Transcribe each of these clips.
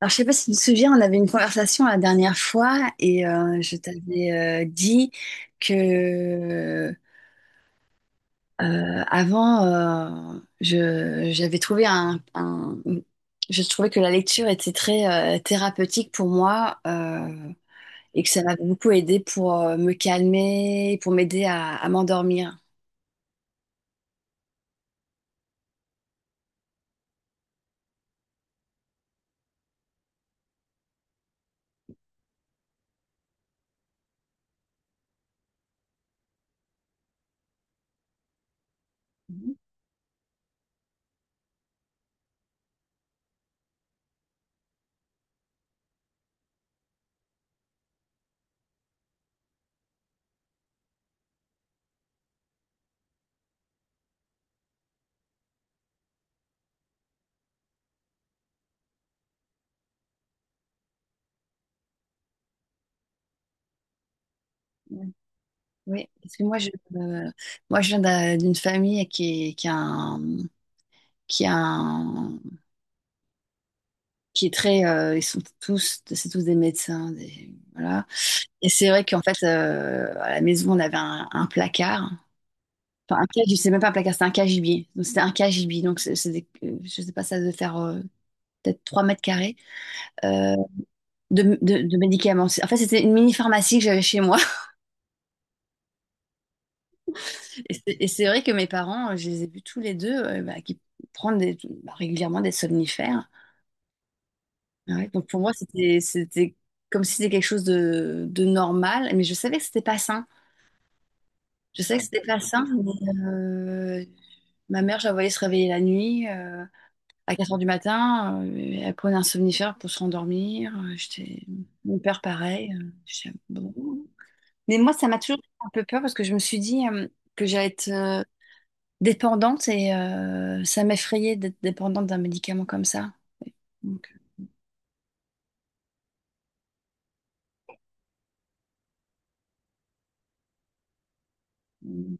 Alors, je sais pas si tu te souviens, on avait une conversation la dernière fois et je t'avais dit que avant, j'avais trouvé je trouvais que la lecture était très thérapeutique pour moi et que ça m'avait beaucoup aidé pour me calmer, pour m'aider à m'endormir. Mhm. Oui, parce que euh, moi, je viens d'une famille qui a qui a qui est très, ils sont tous, c'est tous des médecins, voilà. Et c'est vrai qu'en fait, à la maison, on avait un placard. Enfin, un cage, c'est même pas un placard, c'est un cagibier. Donc, c'était un cagibi. Donc, c'est je sais pas, ça devait faire peut-être 3 mètres carrés euh, de, de médicaments. En fait, c'était une mini-pharmacie que j'avais chez moi. Et c'est vrai que mes parents, je les ai vus tous les deux bah, qui prennent des- bah, régulièrement des somnifères. Ouais. Donc, pour moi, c'était comme si c'était quelque chose de normal. Mais je savais que c'était pas sain. Je sais que c'était pas simple, mais euh, ma mère, je la voyais se réveiller la nuit à 4 heures du matin. Elle prenait un somnifère pour se rendormir. J'étais... Mon père, pareil. J'étais, bon. Mais moi, ça m'a toujours fait un peu peur parce que je me suis dit que j'allais être dépendante et ça m'effrayait d'être dépendante d'un médicament comme ça. Donc, euh,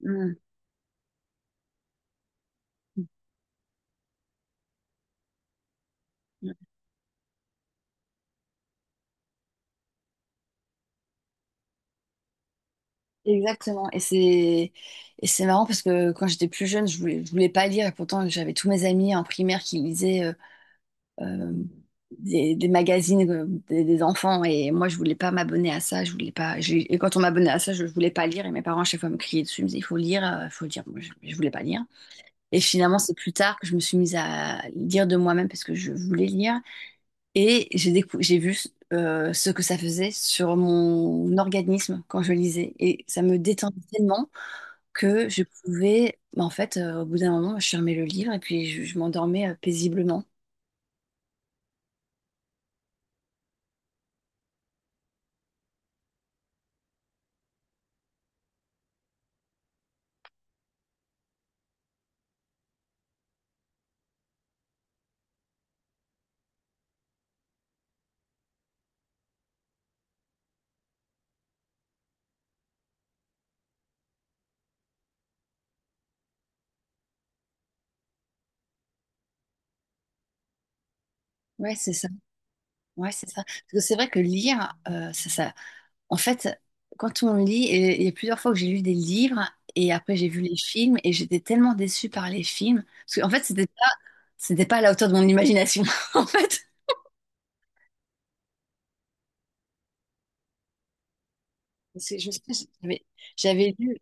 mm. Exactement. Et c'est marrant parce que quand j'étais plus jeune, je voulais pas lire et pourtant j'avais tous mes amis en primaire qui lisaient euh, des magazines des enfants et moi je voulais pas m'abonner à ça, je voulais pas et quand on m'abonnait à ça je voulais pas lire et mes parents à chaque fois me criaient dessus, ils me disaient il faut lire, il faut lire, moi je voulais pas lire et finalement c'est plus tard que je me suis mise à lire de moi-même parce que je voulais lire et j'ai vu ce que ça faisait sur mon organisme quand je lisais et ça me détendait tellement que je pouvais bah, en fait au bout d'un moment je fermais le livre et puis je m'endormais paisiblement. Ouais, c'est ça. Ouais, c'est ça. Parce que c'est vrai que lire, en fait, quand on lit, et il y a plusieurs fois que j'ai lu des livres et après j'ai vu les films et j'étais tellement déçue par les films. Parce qu'en fait, c'était pas à la hauteur de mon imagination, en fait. Parce que je me souviens, j'avais lu,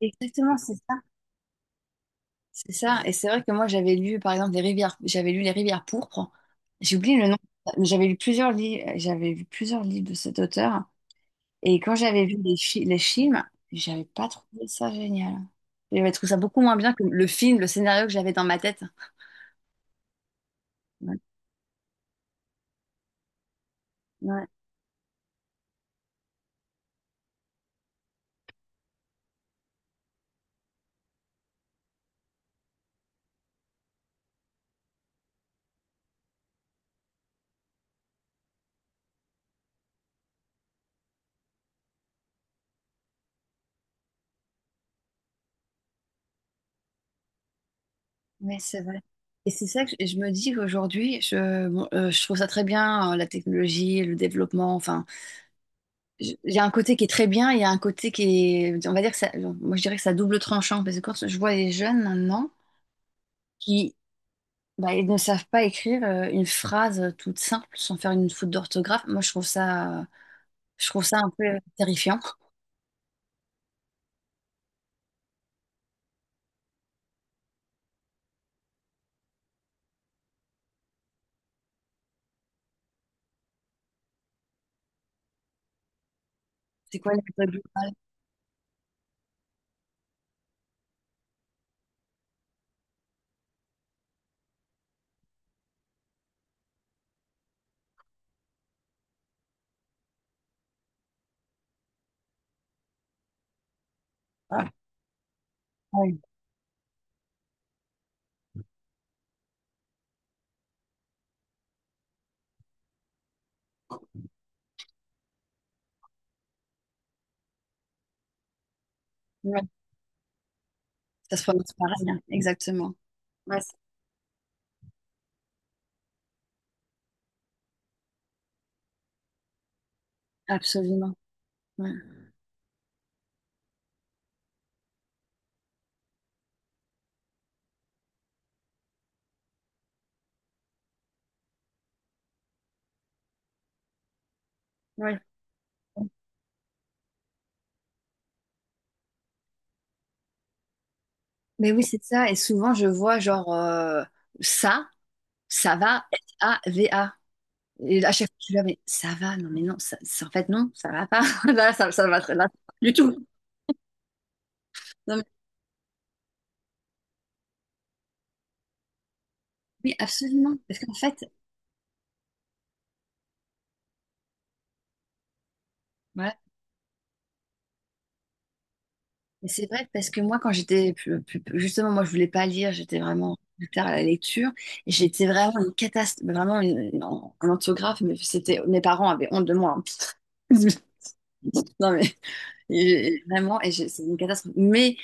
exactement, c'est ça. C'est ça. Et c'est vrai que moi, j'avais lu, par exemple, j'avais lu Les Rivières pourpres. J'ai oublié le nom, mais j'avais lu plusieurs livres, j'avais lu plusieurs livres de cet auteur. Et quand j'avais vu les films, j'avais pas trouvé ça génial. J'avais trouvé ça beaucoup moins bien que le film, le scénario que j'avais dans ma tête. Ouais, ouais, ouais, c'est vrai. Et c'est ça que je me dis qu'aujourd'hui, je, bon, je trouve ça très bien, la technologie, le développement. Enfin, il y a un côté qui est très bien, il y a un côté qui est, on va dire que ça, moi je dirais que ça double tranchant parce que quand je vois les jeunes maintenant qui bah, ils ne savent pas écrire une phrase toute simple sans faire une faute d'orthographe, moi je trouve ça un peu terrifiant. C'est quoi le code rural? Ah, ouais. Ouais. Ça se prononce pareil, hein. Exactement. Ouais, c'est- absolument. Ouais. Ouais. Mais oui, c'est ça. Et souvent, je vois genre ça, ça va, S-A-V-A. Et à chaque fois, je suis là, mais ça va, non, mais non, en fait, non, ça va pas. Là, ça va très là, du tout. Non, mais oui, absolument. Parce qu'en fait, voilà, mais c'est vrai parce que moi, quand j'étais justement, moi, je voulais pas lire, j'étais vraiment plus tard à la lecture. Et j'étais vraiment une catastrophe, vraiment un orthographe. Mais c'était, mes parents avaient honte de moi. Hein. Non mais et vraiment, et c'est une catastrophe. Mais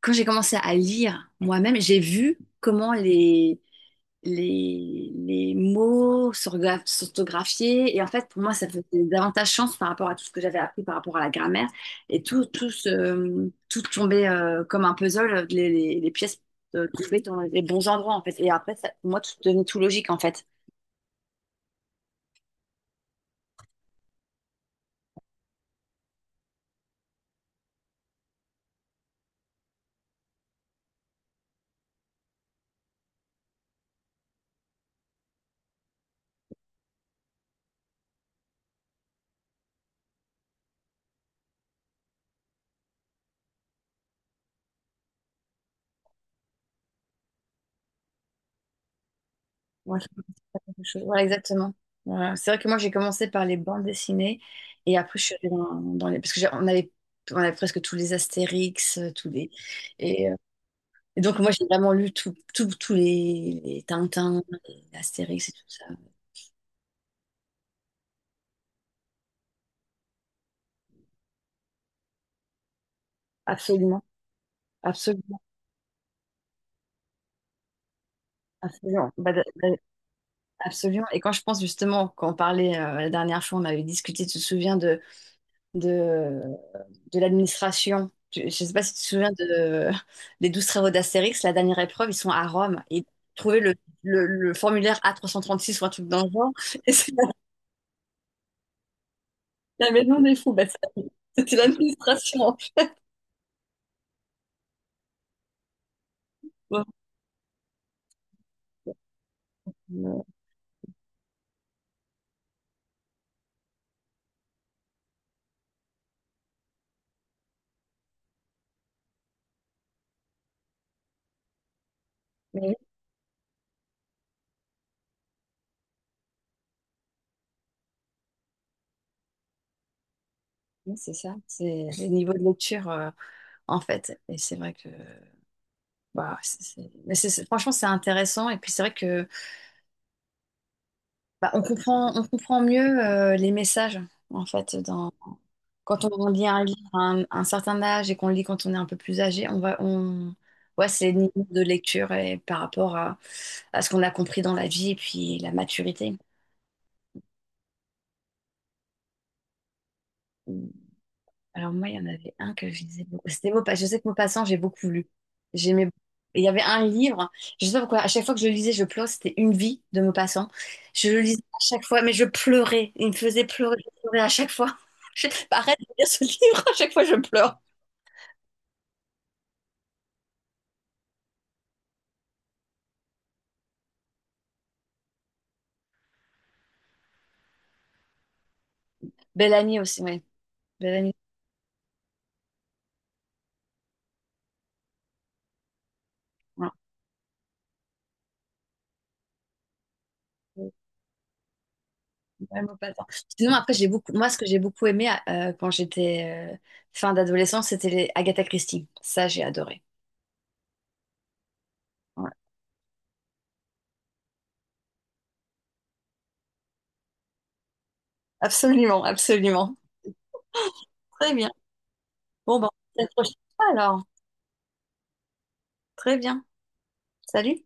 quand j'ai commencé à lire moi-même, j'ai vu comment les mots s'orthographier. Et en fait, pour moi, ça faisait davantage chance par rapport à tout ce que j'avais appris par rapport à la grammaire. Et tout tombait comme un puzzle, les pièces tombaient dans les bons endroits, en fait. Et après, ça, pour moi, tout devenait tout logique, en fait. Moi, je pense que c'est la même chose. Voilà, exactement. Voilà. C'est vrai que moi, j'ai commencé par les bandes dessinées. Et après, je suis allée dans, dans les... Parce que on avait presque tous les Astérix, tous les... Et Et donc, moi, j'ai vraiment lu tous les Tintin, les Astérix et tout ça. Absolument, absolument, absolument. Bah, absolument. Et quand je pense justement, quand on parlait la dernière fois, on avait discuté, tu te souviens de, de l'administration. Tu- Je ne sais pas si tu te souviens de, des 12 travaux d'Astérix, la dernière épreuve, ils sont à Rome. Et trouver le formulaire A336 ou un truc dans le genre, et c'est la, la maison des fous. C'était l'administration. Bon, euh, oui, c'est ça, c'est le niveau de lecture en fait. Et c'est vrai que bah, mais franchement c'est intéressant. Et puis c'est vrai que bah, on comprend mieux les messages en fait. Dans, quand on lit un livre à un certain âge et qu'on le lit quand on est un peu plus âgé, ouais, c'est les niveaux de lecture et par rapport à ce qu'on a compris dans la vie et puis la maturité. Alors moi, il y en avait un que je lisais beaucoup. C'était Maupassant. Je sais que Maupassant, j'ai beaucoup lu. J'aimais beaucoup. Et il y avait un livre, je sais pas pourquoi, à chaque fois que je le lisais, je pleurais, c'était Une vie de Maupassant. Je le lisais à chaque fois, mais je pleurais. Il me faisait pleurer, je pleurais à chaque fois. Arrête de lire ce livre, à chaque fois je pleure. Bellamy aussi, oui. Bellamy, voilà. Ouais, Maupassant. Sinon, après, j'ai beaucoup, moi, ce que j'ai beaucoup aimé quand j'étais fin d'adolescence, c'était les Agatha Christie. Ça, j'ai adoré. Ouais. Absolument, absolument. Très bien. Bon, bah, à la prochaine fois alors. Très bien. Salut.